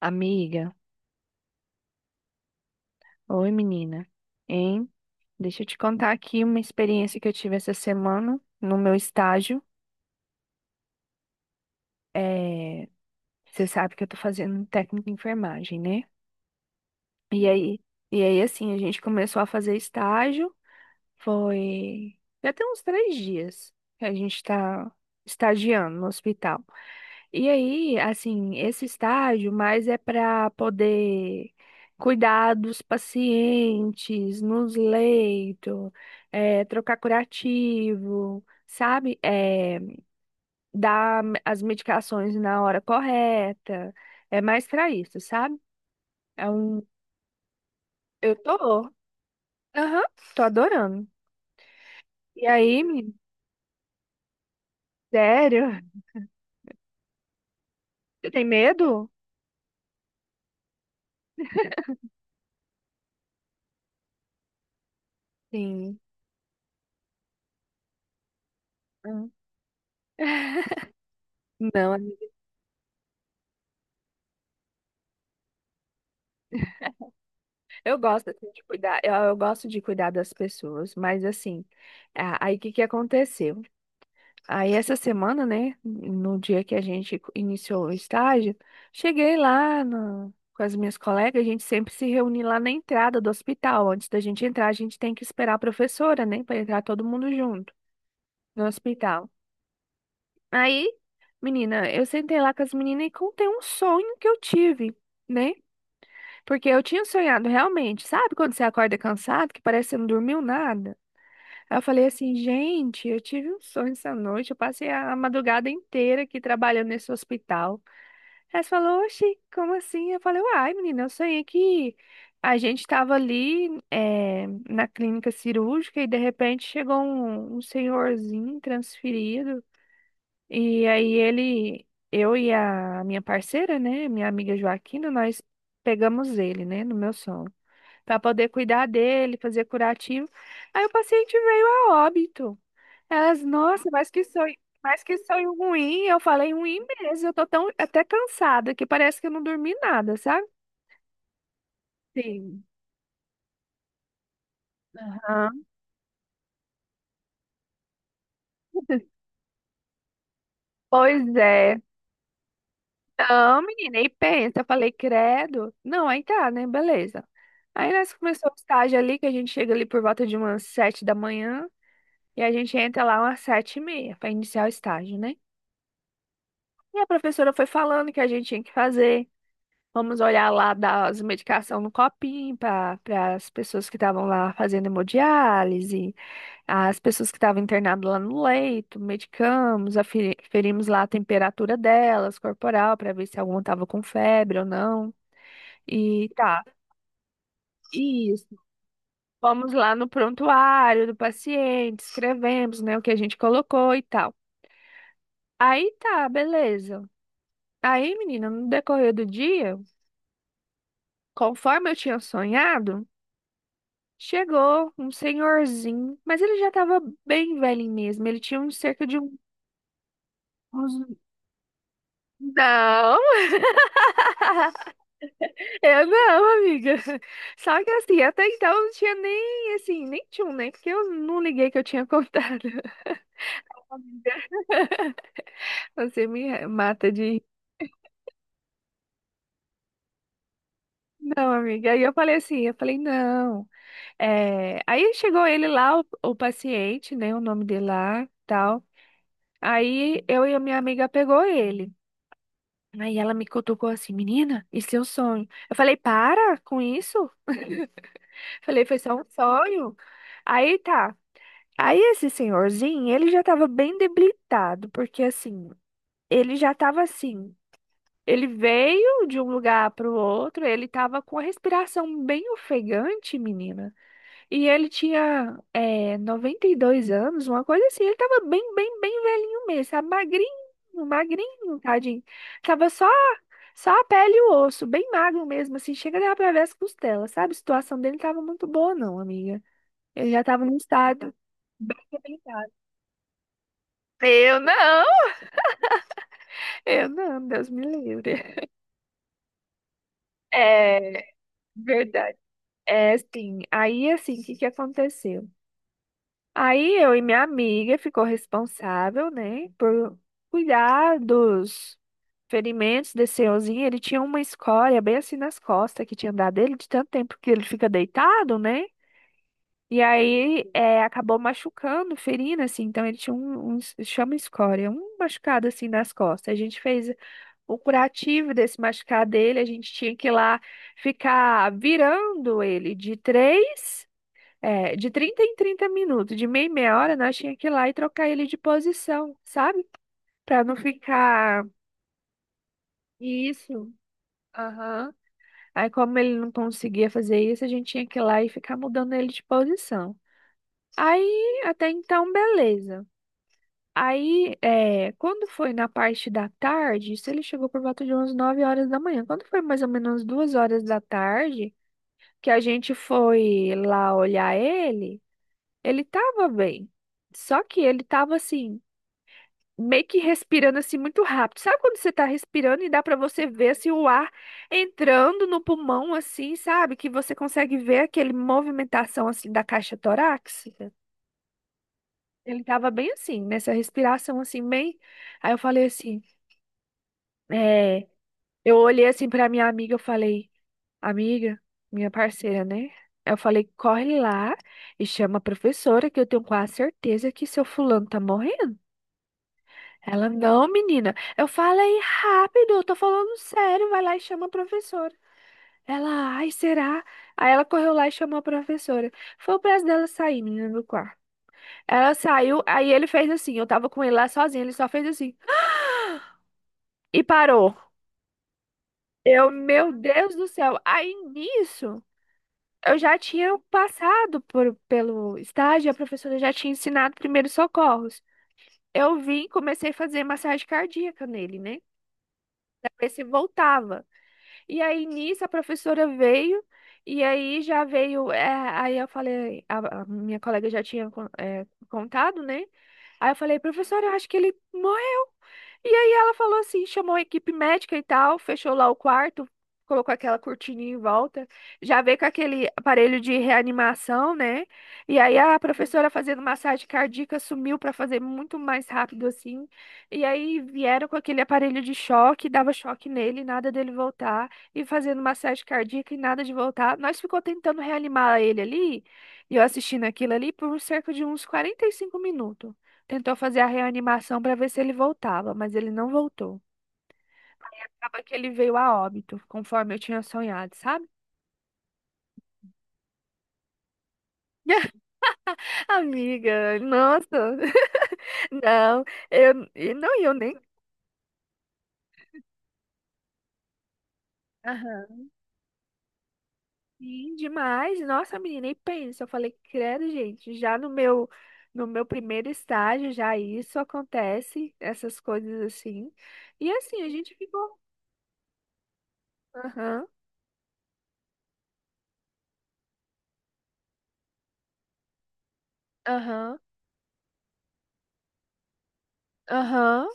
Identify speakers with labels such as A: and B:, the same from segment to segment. A: Amiga, oi menina, hein? Deixa eu te contar aqui uma experiência que eu tive essa semana no meu estágio. É, você sabe que eu tô fazendo um técnico em enfermagem, né? E aí, e aí, assim, a gente começou a fazer estágio, foi já tem uns 3 dias que a gente tá estagiando no hospital. E aí, assim, esse estágio mais é para poder cuidar dos pacientes, nos leitos, é, trocar curativo, sabe? É, dar as medicações na hora correta. É mais para isso, sabe? É um... Eu tô. Aham, tô adorando. E aí, menino, sério? Você tem medo? Sim. Hum. Não, eu gosto assim, de cuidar, eu gosto de cuidar das pessoas, mas assim, aí o que que aconteceu? Aí essa semana, né, no dia que a gente iniciou o estágio, cheguei lá com as minhas colegas, a gente sempre se reúne lá na entrada do hospital. Antes da gente entrar, a gente tem que esperar a professora, né, para entrar todo mundo junto no hospital. Aí, menina, eu sentei lá com as meninas e contei um sonho que eu tive, né? Porque eu tinha sonhado realmente, sabe quando você acorda cansado, que parece que você não dormiu nada? Aí eu falei assim, gente, eu tive um sonho essa noite, eu passei a madrugada inteira aqui trabalhando nesse hospital. Aí você falou, oxi, como assim? Eu falei, uai, menina, eu sonhei que a gente estava ali eh, na clínica cirúrgica e de repente chegou um senhorzinho transferido e aí ele, eu e a minha parceira, né, minha amiga Joaquina, nós pegamos ele, né, no meu sono para poder cuidar dele, fazer curativo. Aí o paciente veio a óbito. Elas, nossa, mas que sonho ruim. Eu falei, ruim mesmo. Eu tô tão até cansada que parece que eu não dormi nada, sabe? Sim. Aham. Pois é. Não, menina, e pensa, eu falei, credo. Não, aí tá, né? Beleza. Aí nós começamos o estágio ali, que a gente chega ali por volta de umas 7 da manhã, e a gente entra lá umas 7h30 para iniciar o estágio, né? E a professora foi falando o que a gente tinha que fazer, vamos olhar lá das medicações no copinho para as pessoas que estavam lá fazendo hemodiálise, as pessoas que estavam internadas lá no leito, medicamos, aferi- aferimos lá a temperatura delas, corporal, para ver se alguma estava com febre ou não. E tá, isso. Vamos lá no prontuário do paciente, escrevemos, né, o que a gente colocou e tal. Aí tá, beleza. Aí, menina, no decorrer do dia, conforme eu tinha sonhado, chegou um senhorzinho, mas ele já estava bem velho mesmo. Ele tinha uns cerca de uns. Não, eu não, amiga. Só que assim, até então não tinha nem assim, nem tinha um, nem porque eu não liguei que eu tinha contado. Amiga, você me mata de rir. Não, amiga. Aí eu falei assim, eu falei, não. Aí chegou ele lá, o paciente, né? O nome dele lá, tal. Aí eu e a minha amiga pegou ele. Aí ela me cutucou assim, menina, isso é um sonho. Eu falei, para com isso. Falei, foi só um sonho. Aí tá. Aí esse senhorzinho, ele já tava bem debilitado, porque assim, ele já tava assim. Ele veio de um lugar pro outro, ele tava com a respiração bem ofegante, menina. E ele tinha 92 anos, uma coisa assim. Ele tava bem, bem, bem velhinho mesmo, sabe? Magrinho, magrinho, tadinho. Tava só, só a pele e o osso, bem magro mesmo, assim. Chega dava pra ver as costelas, sabe? A situação dele não tava muito boa, não, amiga. Ele já tava num estado debilitado. Eu não, eu não, Deus me livre. É verdade. É, sim. Aí, assim, o que que aconteceu? Aí eu e minha amiga ficou responsável, né, por cuidar dos ferimentos desse senhorzinho. Ele tinha uma escória bem assim nas costas que tinha dado ele de tanto tempo que ele fica deitado, né? E aí acabou machucando, ferindo, assim. Então ele tinha um chama escória, um machucado assim nas costas. A gente fez o curativo desse machucado dele. A gente tinha que ir lá ficar virando ele de 30 em 30 minutos, de meia em meia hora, nós tínhamos que ir lá e trocar ele de posição, sabe? Pra não ficar. Isso. Aham. Aí, como ele não conseguia fazer isso, a gente tinha que ir lá e ficar mudando ele de posição. Aí, até então, beleza. Aí, quando foi na parte da tarde, isso ele chegou por volta de umas 9 horas da manhã. Quando foi mais ou menos 2 horas da tarde, que a gente foi lá olhar ele, ele tava bem. Só que ele tava assim meio que respirando assim muito rápido. Sabe quando você tá respirando e dá pra você ver assim, o ar entrando no pulmão assim, sabe? Que você consegue ver aquele movimentação assim da caixa torácica. Ele tava bem assim, nessa respiração assim, bem. Aí eu falei assim, é, eu olhei assim pra minha amiga, eu falei, amiga, minha parceira, né? Eu falei, corre lá e chama a professora, que eu tenho quase certeza que seu fulano tá morrendo. Ela, não, menina, eu falei rápido, eu tô falando sério, vai lá e chama a professora. Ela, ai, será? Aí ela correu lá e chamou a professora. Foi o prazo dela sair, menina, do quarto. Ela saiu, aí ele fez assim, eu tava com ele lá sozinho, ele só fez assim e parou. Eu, meu Deus do céu. Aí nisso, eu já tinha passado pelo estágio, a professora já tinha ensinado primeiros socorros. Eu vim, comecei a fazer massagem cardíaca nele, né? Pra ver se voltava. E aí nisso a professora veio, e aí já veio. Aí eu falei, a minha colega já tinha contado, né? Aí eu falei, professora, eu acho que ele morreu. E aí ela falou assim, chamou a equipe médica e tal, fechou lá o quarto, colocou aquela cortininha em volta, já veio com aquele aparelho de reanimação, né? E aí a professora fazendo massagem cardíaca sumiu para fazer muito mais rápido assim. E aí vieram com aquele aparelho de choque, dava choque nele, nada dele voltar, e fazendo massagem cardíaca e nada de voltar. Nós ficou tentando reanimar ele ali, e eu assistindo aquilo ali por cerca de uns 45 minutos. Tentou fazer a reanimação para ver se ele voltava, mas ele não voltou. Acaba que ele veio a óbito, conforme eu tinha sonhado, sabe? Amiga, nossa, não, eu e não, e eu nem aham. Sim demais, nossa, menina, e pensa, eu falei, credo, gente, já no meu primeiro estágio já isso acontece, essas coisas assim. E assim, a gente ficou, aham, aham, aham,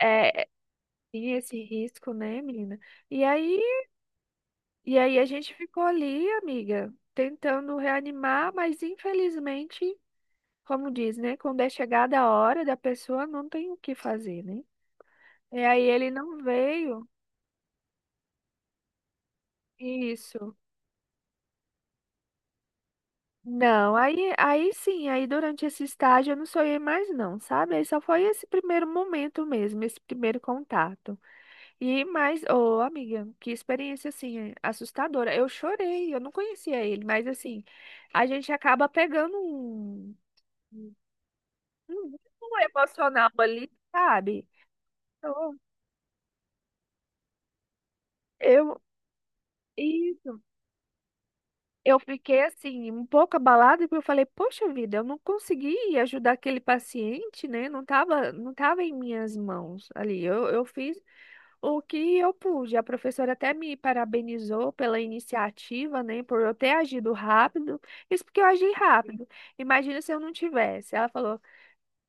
A: é, tem esse risco, né, menina? E aí E aí a gente ficou ali, amiga, tentando reanimar, mas infelizmente, como diz, né? Quando é chegada a hora da pessoa, não tem o que fazer, né? E aí ele não veio. Isso. Não, aí sim, aí durante esse estágio eu não sonhei mais não, sabe? Aí só foi esse primeiro momento mesmo, esse primeiro contato. E mais, ô amiga, que experiência assim, é assustadora. Eu chorei, eu não conhecia ele, mas assim, a gente acaba pegando um, uhum, um vínculo emocional ali, sabe? Então, eu, isso, eu fiquei assim, um pouco abalada, porque eu falei, poxa vida, eu não consegui ajudar aquele paciente, né? Não tava, não tava em minhas mãos ali. Eu fiz o que eu pude. A professora até me parabenizou pela iniciativa, né? Por eu ter agido rápido. Isso porque eu agi rápido. Imagina se eu não tivesse.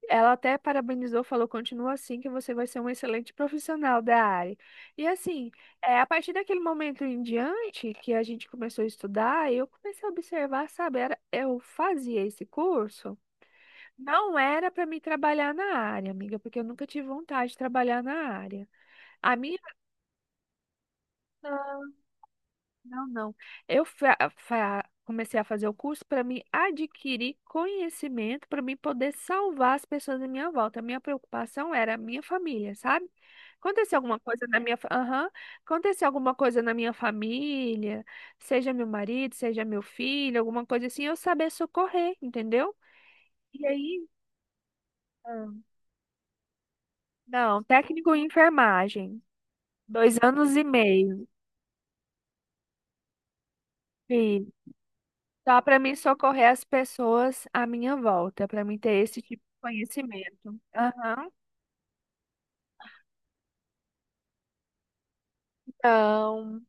A: Ela até parabenizou, falou, continua assim que você vai ser um excelente profissional da área. E assim, a partir daquele momento em diante que a gente começou a estudar, eu comecei a observar, sabe, eu fazia esse curso, não era para me trabalhar na área, amiga, porque eu nunca tive vontade de trabalhar na área. A minha Não, não. Comecei a fazer o curso para me adquirir conhecimento, para mim poder salvar as pessoas à minha volta. A minha preocupação era a minha família, sabe? Acontecer alguma coisa na minha, aham, acontecer alguma coisa na minha família, seja meu marido, seja meu filho, alguma coisa assim, eu saber socorrer, entendeu? E aí? Ah. Não, técnico em enfermagem, 2 anos e meio. Só para mim socorrer as pessoas à minha volta, para mim ter esse tipo de conhecimento. Aham. Então.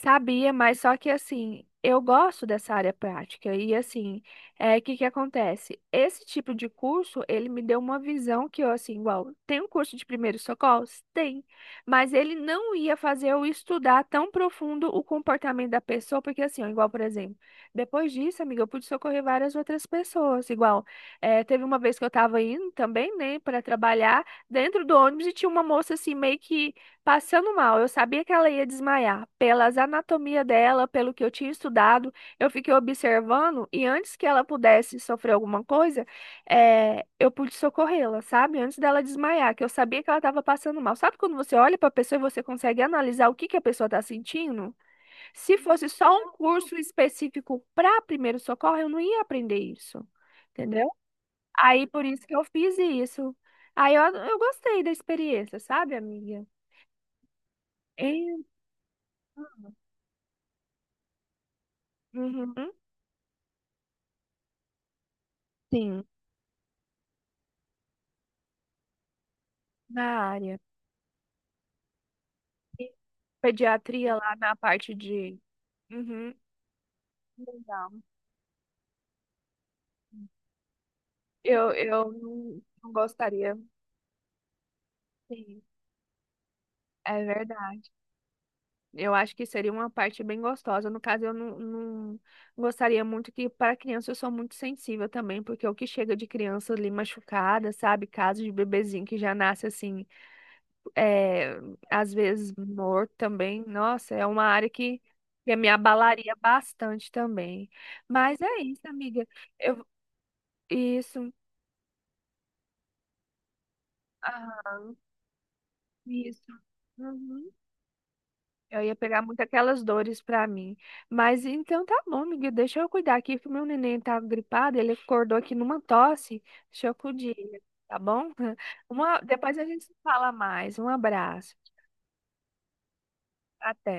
A: Sabia, mas só que assim, eu gosto dessa área prática e assim, é que acontece? Esse tipo de curso, ele me deu uma visão que eu assim, igual, tem um curso de primeiros socorros? Tem, mas ele não ia fazer eu estudar tão profundo o comportamento da pessoa, porque assim, ó, igual, por exemplo, depois disso, amiga, eu pude socorrer várias outras pessoas, igual, teve uma vez que eu tava indo também, né, para trabalhar dentro do ônibus e tinha uma moça assim, meio que passando mal, eu sabia que ela ia desmaiar. Pelas anatomia dela, pelo que eu tinha estudado, eu fiquei observando e antes que ela pudesse sofrer alguma coisa, eu pude socorrê-la, sabe? Antes dela desmaiar, que eu sabia que ela estava passando mal. Sabe quando você olha para a pessoa e você consegue analisar o que que a pessoa está sentindo? Se fosse só um curso específico para primeiro socorro, eu não ia aprender isso, entendeu? Aí por isso que eu fiz isso. Aí eu gostei da experiência, sabe, amiga? Uhum, sim, na área. E pediatria lá na parte de. Uhum, legal. Eu não, não gostaria. Sim, é verdade. Eu acho que seria uma parte bem gostosa. No caso, eu não, não gostaria muito que, para criança, eu sou muito sensível também, porque o que chega de criança ali machucada, sabe? Casos de bebezinho que já nasce assim. é, Às vezes morto também. Nossa, é uma área que me abalaria bastante também. Mas é isso, amiga. Eu, isso, ah, isso. Uhum. Eu ia pegar muito aquelas dores pra mim. Mas então tá bom, amiga. Deixa eu cuidar aqui, que o meu neném tá gripado. Ele acordou aqui numa tosse. Deixa eu cuidar, ele, tá bom? Depois a gente se fala mais. Um abraço. Até.